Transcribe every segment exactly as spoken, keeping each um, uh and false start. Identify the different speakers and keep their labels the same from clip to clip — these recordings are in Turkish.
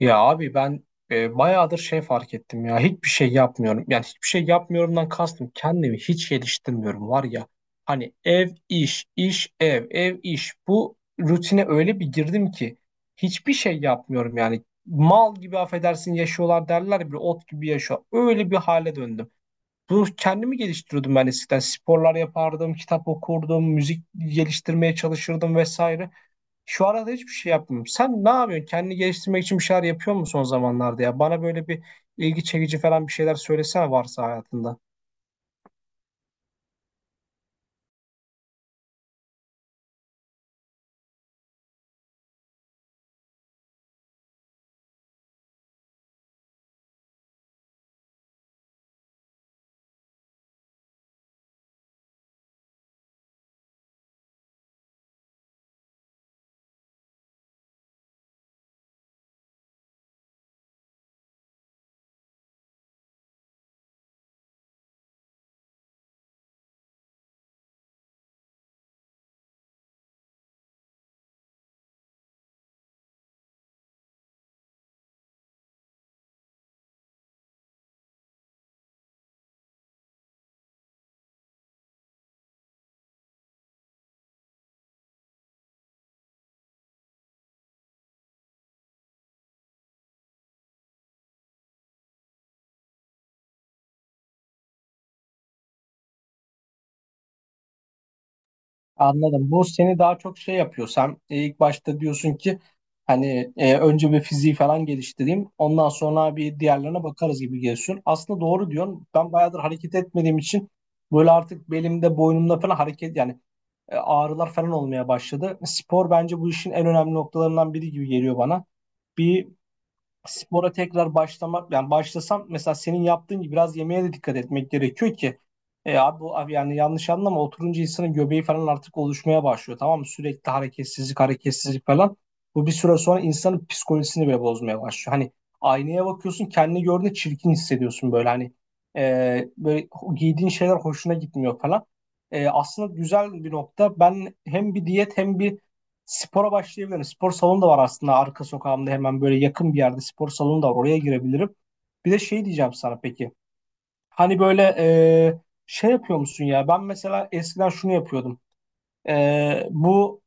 Speaker 1: Ya abi ben e, bayağıdır şey fark ettim ya hiçbir şey yapmıyorum. Yani hiçbir şey yapmıyorumdan kastım kendimi hiç geliştirmiyorum var ya. Hani ev iş iş ev ev iş bu rutine öyle bir girdim ki hiçbir şey yapmıyorum yani. Mal gibi affedersin yaşıyorlar derler ya, bir ot gibi yaşıyor. Öyle bir hale döndüm. Bu kendimi geliştiriyordum, ben eskiden sporlar yapardım, kitap okurdum, müzik geliştirmeye çalışırdım vesaire. Şu arada hiçbir şey yapmıyorum. Sen ne yapıyorsun? Kendini geliştirmek için bir şeyler yapıyor musun son zamanlarda ya? Bana böyle bir ilgi çekici falan bir şeyler söylesene varsa hayatında. Anladım. Bu seni daha çok şey yapıyor. Sen e, ilk başta diyorsun ki hani e, önce bir fiziği falan geliştireyim. Ondan sonra bir diğerlerine bakarız gibi geliyorsun. Aslında doğru diyorsun. Ben bayağıdır hareket etmediğim için böyle artık belimde, boynumda falan hareket yani e, ağrılar falan olmaya başladı. Spor bence bu işin en önemli noktalarından biri gibi geliyor bana. Bir spora tekrar başlamak, yani başlasam mesela senin yaptığın gibi biraz yemeğe de dikkat etmek gerekiyor ki e abi, bu- abi yani yanlış anlama, oturunca insanın göbeği falan artık oluşmaya başlıyor, tamam mı? Sürekli hareketsizlik hareketsizlik falan. Bu bir süre sonra insanın psikolojisini bile bozmaya başlıyor. Hani aynaya bakıyorsun, kendini gördüğünde çirkin hissediyorsun böyle hani e, böyle ho- giydiğin şeyler hoşuna gitmiyor falan. E, aslında güzel bir nokta. Ben hem bir diyet hem bir spora başlayabilirim. Spor salonu da var aslında, arka sokağımda hemen böyle yakın bir yerde spor salonu da var. Oraya girebilirim. Bir de şey diyeceğim sana, peki. Hani böyle e, şey yapıyor musun ya? Ben mesela eskiden şunu yapıyordum. E, bu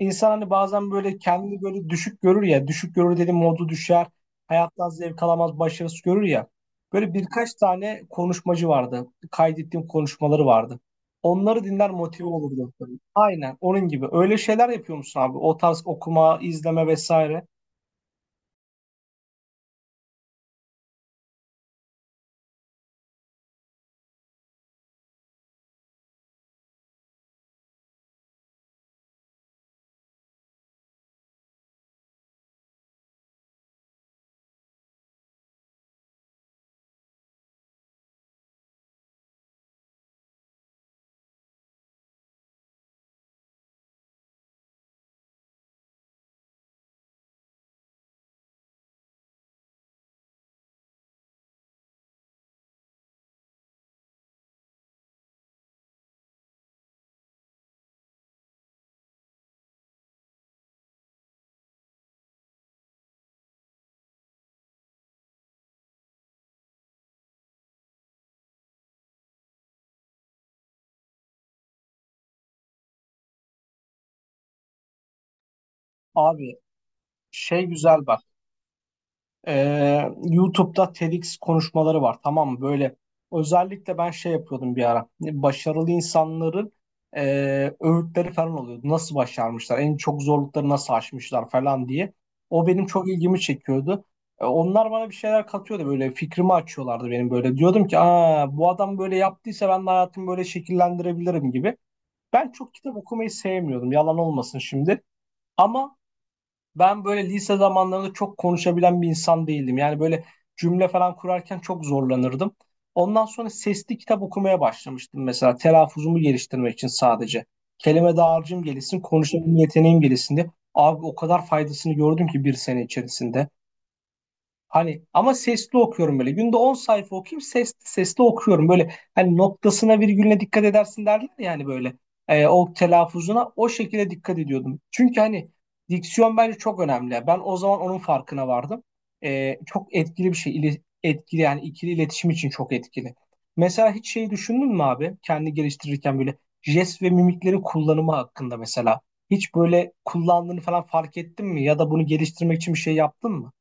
Speaker 1: İnsan hani bazen böyle kendini böyle düşük görür ya. Düşük görür dedim, modu düşer. Hayattan zevk alamaz, başarısız görür ya. Böyle birkaç tane konuşmacı vardı. Kaydettiğim konuşmaları vardı. Onları dinler, motive olurdu. Aynen onun gibi. Öyle şeyler yapıyor musun abi? O tarz okuma, izleme vesaire. Abi şey güzel bak. Ee, YouTube'da TEDx konuşmaları var, tamam mı? Böyle özellikle ben şey yapıyordum bir ara. Başarılı insanların e, öğütleri falan oluyordu. Nasıl başarmışlar? En çok zorlukları nasıl aşmışlar falan diye. O benim çok ilgimi çekiyordu. E, onlar bana bir şeyler katıyordu, böyle fikrimi açıyorlardı benim böyle. Diyordum ki Aa, bu adam böyle yaptıysa ben de hayatımı böyle şekillendirebilirim gibi. Ben çok kitap okumayı sevmiyordum, yalan olmasın şimdi. Ama ben böyle lise zamanlarında çok konuşabilen bir insan değildim. Yani böyle cümle falan kurarken çok zorlanırdım. Ondan sonra sesli kitap okumaya başlamıştım mesela. Telaffuzumu geliştirmek için sadece. Kelime dağarcığım gelişsin, konuşabilme yeteneğim gelişsin diye. Abi o kadar faydasını gördüm ki bir sene içerisinde. Hani ama sesli okuyorum böyle. Günde on sayfa okuyayım, sesli sesli okuyorum. Böyle hani noktasına virgülüne dikkat edersin derler yani böyle. Ee, o telaffuzuna o şekilde dikkat ediyordum. Çünkü hani diksiyon bence çok önemli. Ben o zaman onun farkına vardım. Ee, çok etkili bir şey. İli- etkili yani ikili iletişim için çok etkili. Mesela hiç şey düşündün mü abi? Kendi geliştirirken böyle jest ve mimiklerin kullanımı hakkında mesela. Hiç böyle kullandığını falan fark ettin mi? Ya da bunu geliştirmek için bir şey yaptın mı?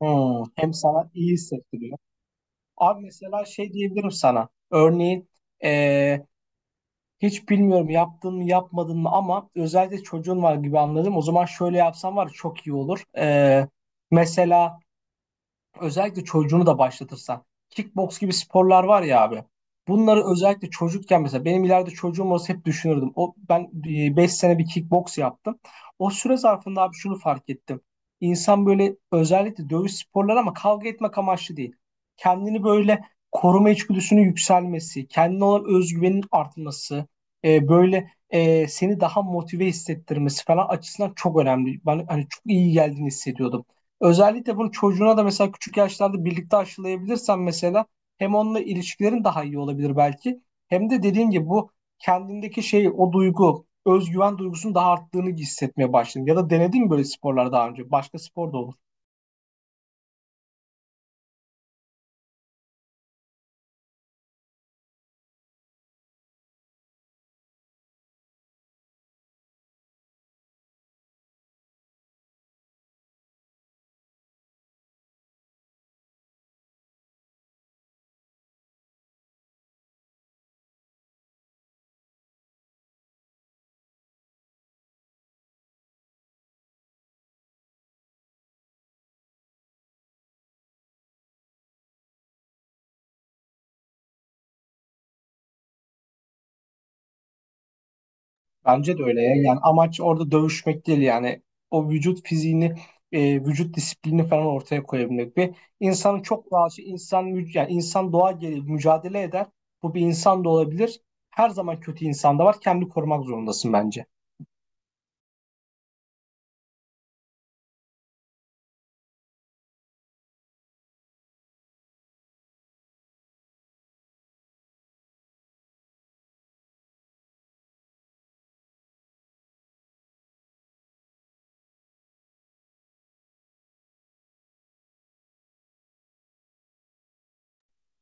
Speaker 1: Hmm, hem sana iyi hissettiriyor. Abi mesela şey diyebilirim sana. Örneğin eee, hiç bilmiyorum yaptın mı yapmadın mı ama özellikle çocuğun var gibi anladım. O zaman şöyle yapsan var ya, çok iyi olur. Eee, mesela özellikle çocuğunu da başlatırsan. Kickbox gibi sporlar var ya abi. Bunları özellikle çocukken, mesela benim ileride çocuğum olsa hep düşünürdüm. O ben e, beş sene bir kickbox yaptım. O süre zarfında abi şunu fark ettim. İnsan böyle özellikle dövüş sporları ama kavga etmek amaçlı değil. Kendini böyle koruma içgüdüsünün yükselmesi, kendine olan özgüvenin artması, e, böyle e, seni daha motive hissettirmesi falan açısından çok önemli. Ben hani çok iyi geldiğini hissediyordum. Özellikle bunu çocuğuna da mesela küçük yaşlarda birlikte aşılayabilirsen mesela hem onunla ilişkilerin daha iyi olabilir belki. Hem de dediğim gibi bu kendindeki şey, o duygu, özgüven duygusunun daha arttığını hissetmeye başladın. Ya da denedin mi böyle sporlar daha önce? Başka spor da olur. Bence de öyle ya. Yani amaç orada dövüşmek değil yani. O vücut fiziğini, e, vücut disiplini falan ortaya koyabilmek ve insanın çok doğası, insan mü- yani insan doğa gereği mücadele eder. Bu bir insan da olabilir. Her zaman kötü insan da var. Kendi korumak zorundasın bence.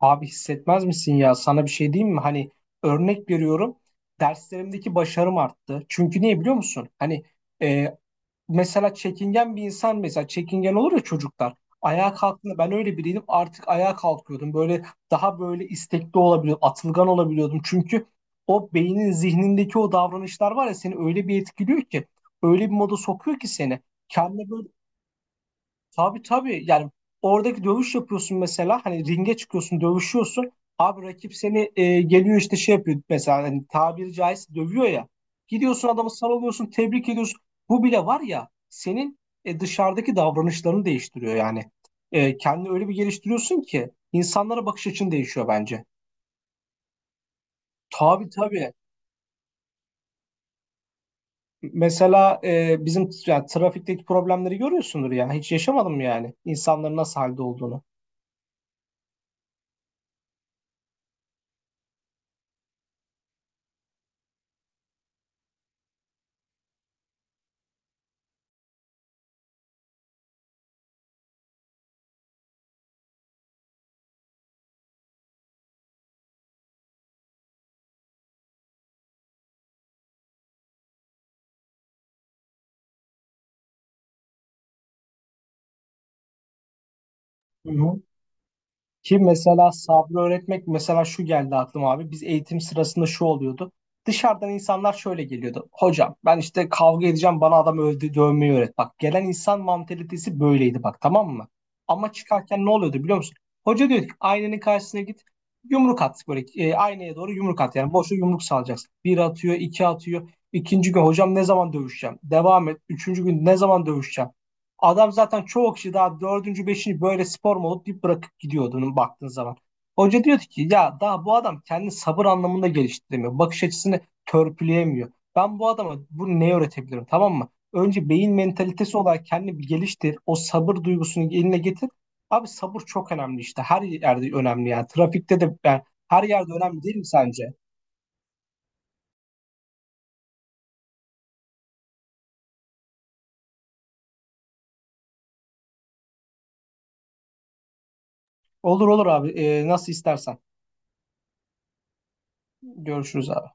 Speaker 1: Abi hissetmez misin ya? Sana bir şey diyeyim mi? Hani örnek veriyorum. Derslerimdeki başarım arttı. Çünkü niye biliyor musun? Hani e, mesela çekingen bir insan, mesela çekingen olur ya çocuklar. Ayağa kalktığında ben öyle biriydim, artık ayağa kalkıyordum. Böyle daha böyle istekli olabiliyordum, atılgan olabiliyordum. Çünkü o beynin zihnindeki o davranışlar var ya, seni öyle bir etkiliyor ki öyle bir moda sokuyor ki seni. Kendine böyle, tabii tabii yani, oradaki dövüş yapıyorsun mesela, hani ringe çıkıyorsun, dövüşüyorsun abi, rakip seni e, geliyor işte şey yapıyor mesela, hani tabiri caizse dövüyor ya, gidiyorsun adamı sarılıyorsun, tebrik ediyorsun, bu bile var ya senin e, dışarıdaki davranışlarını değiştiriyor yani. E, kendini öyle bir geliştiriyorsun ki insanlara bakış açın değişiyor bence. Tabii tabii, mesela e, bizim yani, trafikteki problemleri görüyorsundur ya, hiç yaşamadım yani insanların nasıl halde olduğunu. Hı hı. Ki mesela sabrı öğretmek, mesela şu geldi aklıma abi. Biz eğitim sırasında şu oluyordu. Dışarıdan insanlar şöyle geliyordu. Hocam ben işte kavga edeceğim, bana adam öldü, dövmeyi öğret. Bak, gelen insan mantalitesi böyleydi bak, tamam mı? Ama çıkarken ne oluyordu biliyor musun? Hoca diyor ki aynanın karşısına git, yumruk at böyle, e, aynaya doğru yumruk at. Yani boşa yumruk salacaksın. Bir atıyor, iki atıyor. İkinci gün, hocam ne zaman dövüşeceğim? Devam et. Üçüncü gün, ne zaman dövüşeceğim? Adam zaten, çoğu kişi daha dördüncü, beşinci böyle spor mu olup deyip bırakıp gidiyordu onun baktığın zaman. Hoca diyordu ki ya, daha bu adam kendi sabır anlamında geliştiremiyor. Bakış açısını törpüleyemiyor. Ben bu adama bunu ne öğretebilirim, tamam mı? Önce beyin mentalitesi olarak kendini bir geliştir. O sabır duygusunu eline getir. Abi sabır çok önemli işte. Her yerde önemli yani. Trafikte de yani, her yerde önemli değil mi sence? Olur olur abi. Ee, nasıl istersen. Görüşürüz abi.